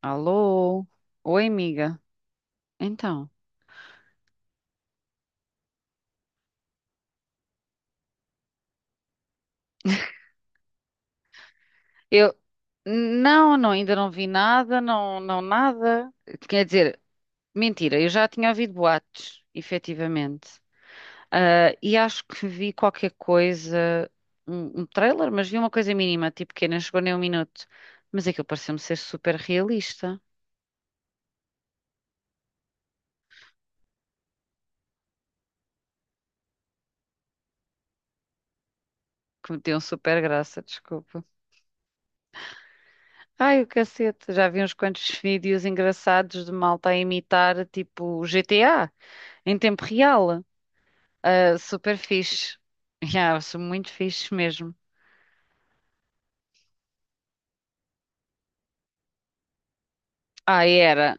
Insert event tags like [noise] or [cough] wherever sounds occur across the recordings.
Alô? Oi, amiga. Então, eu não, não, ainda não vi nada, não, não nada. Quer dizer, mentira, eu já tinha ouvido boatos, efetivamente. Ah, e acho que vi qualquer coisa, um trailer, mas vi uma coisa mínima, tipo que nem chegou nem um minuto. Mas aquilo pareceu-me ser super realista, que me deu super graça, desculpa. Ai, o cacete, já vi uns quantos [laughs] vídeos engraçados de malta a imitar, tipo GTA, em tempo real. Ah, super fixe. Yeah, sou muito fixe mesmo. Ah, era,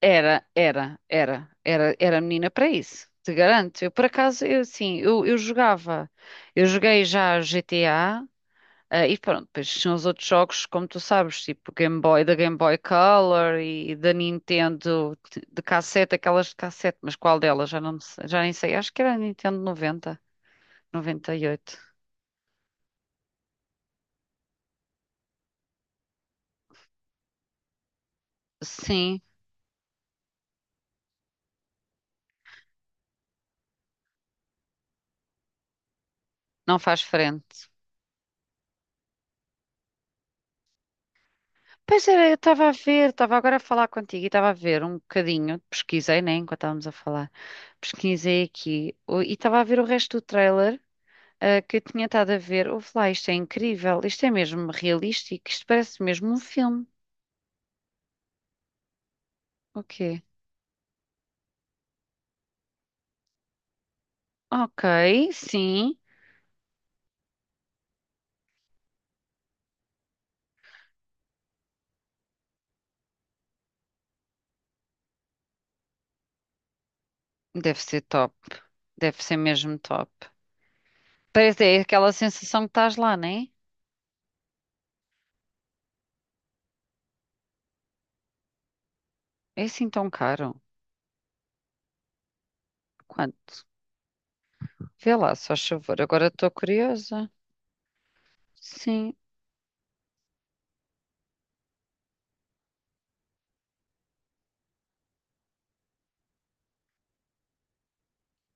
era, era, era, era, era menina para isso. Te garanto. Eu, por acaso, eu sim, eu jogava. Eu joguei já GTA, ah, e pronto, depois tinham os outros jogos, como tu sabes, tipo Game Boy, da Game Boy Color e da Nintendo de cassete, aquelas de cassete, mas qual delas? Já nem sei. Acho que era a Nintendo noventa, noventa e oito. Sim, não faz frente. Pois era, eu estava a ver, estava agora a falar contigo e estava a ver um bocadinho, pesquisei, né, enquanto estávamos a falar, pesquisei e estava a ver o resto do trailer ah, que eu tinha estado a ver. Ouve lá, isto é incrível, isto é mesmo realístico, isto parece mesmo um filme. O quê? Ok, sim, deve ser top, deve ser mesmo top. Parece é aquela sensação que estás lá, né? É assim tão caro? Quanto? Vê lá, só favor, agora estou curiosa. Sim,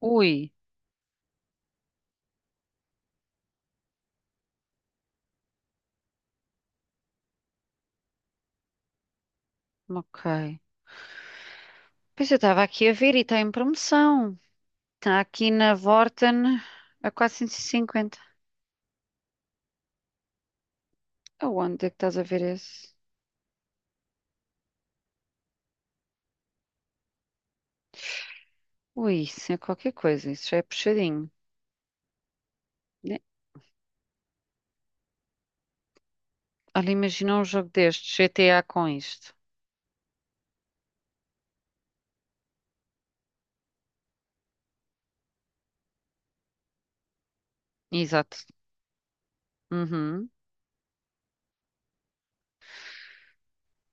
ui, ok. Pois eu estava aqui a ver e está em promoção. Está aqui na Vorten a 450. Aonde é que estás a ver esse? Ui, isso é qualquer coisa, isso já é puxadinho. Né? Olha, imagina um jogo deste, GTA com isto. Exato. Uhum.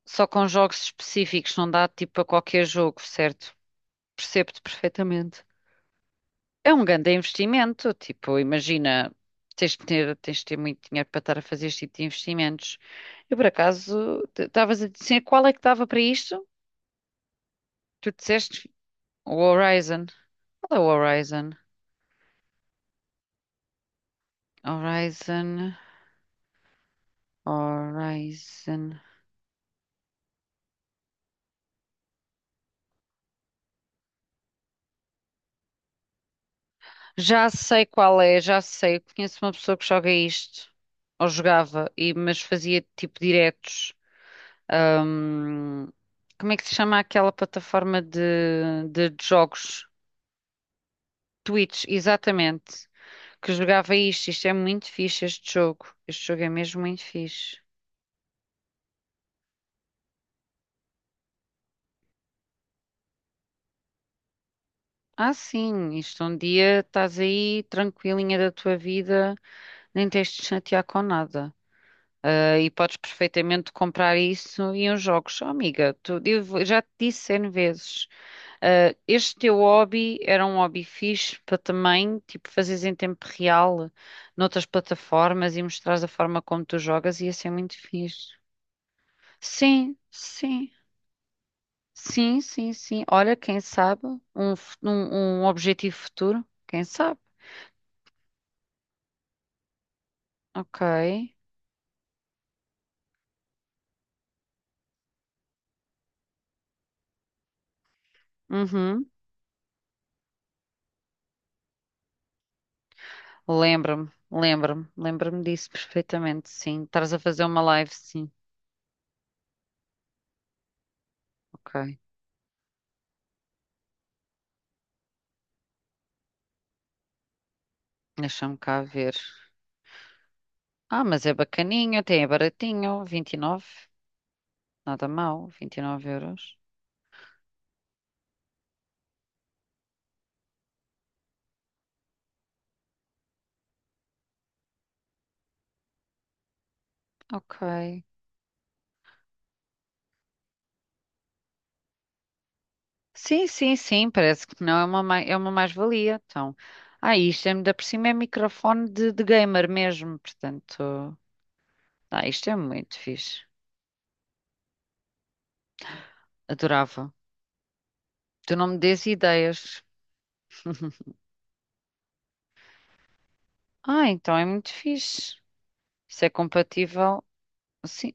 Só com jogos específicos, não dá tipo a qualquer jogo, certo? Percebo-te perfeitamente. É um grande investimento, tipo, imagina, tens de ter muito dinheiro para estar a fazer este tipo de investimentos. Eu, por acaso, estavas a dizer qual é que dava para isto? Tu disseste o Horizon. Qual é o Horizon? Horizon, Horizon. Já sei qual é, já sei. Conheço uma pessoa que joga isto, ou jogava, e, mas fazia tipo diretos. Ahm, como é que se chama aquela plataforma de jogos? Twitch, exatamente. Que jogava isto. Isto é muito fixe, este jogo. Este jogo é mesmo muito fixe. Ah, sim, isto um dia estás aí tranquilinha da tua vida, nem tens de te chatear com nada. Ah, e podes perfeitamente comprar isso em uns jogos. Oh, amiga, tu, eu já te disse N vezes. Ah, este teu hobby era um hobby fixe para também, tipo, fazeres em tempo real noutras plataformas e mostrares a forma como tu jogas, ia ser muito fixe. Sim, sim, sim, sim, sim. Olha, quem sabe um objetivo futuro, quem sabe? Ok. Uhum. Lembra-me, lembra-me, lembra-me disso perfeitamente, sim. Estás a fazer uma live, sim. Ok. Deixa-me cá ver. Ah, mas é bacaninho, até é baratinho, 29. Nada mal, 29 euros. Ok. Sim, sim, sim, parece que não é uma, ma- é uma mais-valia. Então, ah, isto é, ainda por cima é microfone de gamer mesmo, portanto, ah, isto é muito fixe. Adorava. Tu não me dês ideias. Ah, então é muito fixe. Isso é compatível? Sim,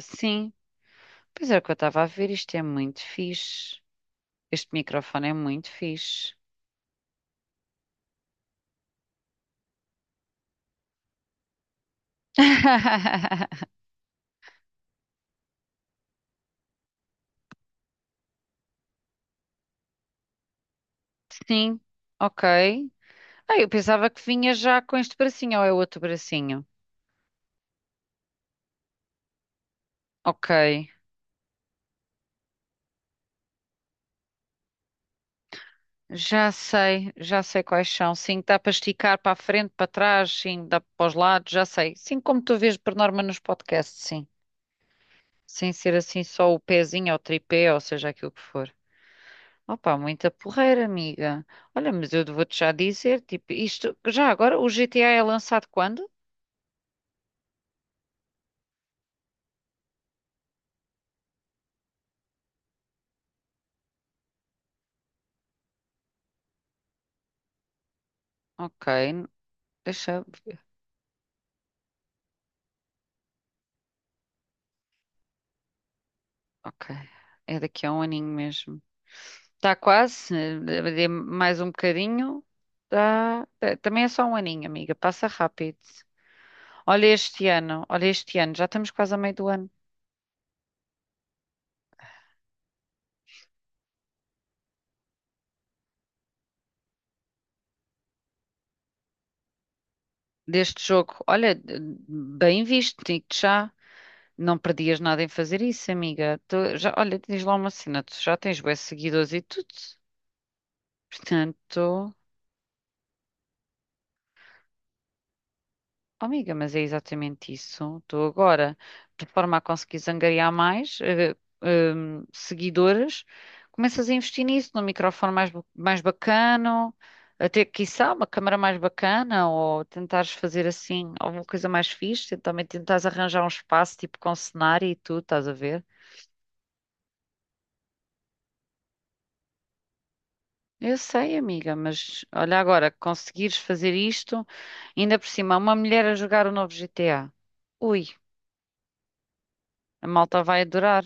sim. Pois é, o que eu estava a ver, isto é muito fixe. Este microfone é muito fixe. [laughs] Sim, ok. Ah, eu pensava que vinha já com este bracinho, ou é outro bracinho? Ok. Já sei quais são. Sim, dá para esticar para a frente, para trás, sim, dá para os lados, já sei. Sim, como tu vês por norma nos podcasts, sim. Sem ser assim só o pezinho ou o tripé, ou seja, aquilo que for. Opa, muita porreira, amiga. Olha, mas eu vou-te já dizer, tipo, isto, já agora, o GTA é lançado quando? Ok, deixa eu ver. Ok, é daqui a um aninho mesmo. Está quase, mais um bocadinho. Tá, também é só um aninho, amiga, passa rápido. Olha este ano, já estamos quase a meio do ano deste jogo. Olha, bem visto, digo-te já. Não perdias nada em fazer isso, amiga. Tu já, olha, tens lá uma cena, tu já tens bué seguidores e tudo. Portanto. Oh, amiga, mas é exatamente isso. Estou agora, de forma a conseguir angariar mais seguidores, começas a investir nisso, num microfone mais bacana, até, quiçá, uma câmara mais bacana, ou tentares fazer assim alguma coisa mais fixe, também tentares arranjar um espaço tipo com cenário e tudo, estás a ver? Eu sei, amiga, mas olha agora, conseguires fazer isto, ainda por cima, uma mulher a jogar o novo GTA. Ui, a malta vai adorar.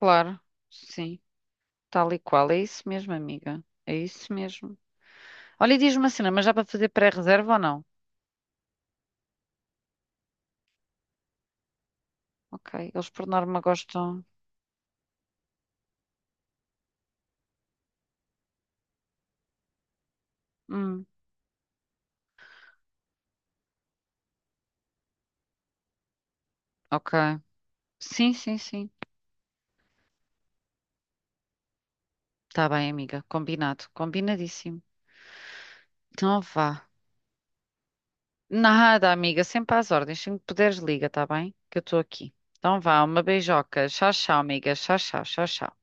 Claro, sim, tal e qual. É isso mesmo, amiga. É isso mesmo. Olha, e diz-me assim, mas dá para fazer pré-reserva ou não? Ok, eles por norma gostam. Hum, ok. Sim, sim, sim. Tá bem, amiga. Combinado, combinadíssimo. Então vá. Nada, amiga, sempre às ordens. Sempre que puderes, liga, tá bem? Que eu estou aqui. Então vá, uma beijoca. Tchau, tchau, amiga. Tchau, tchau, tchau, tchau.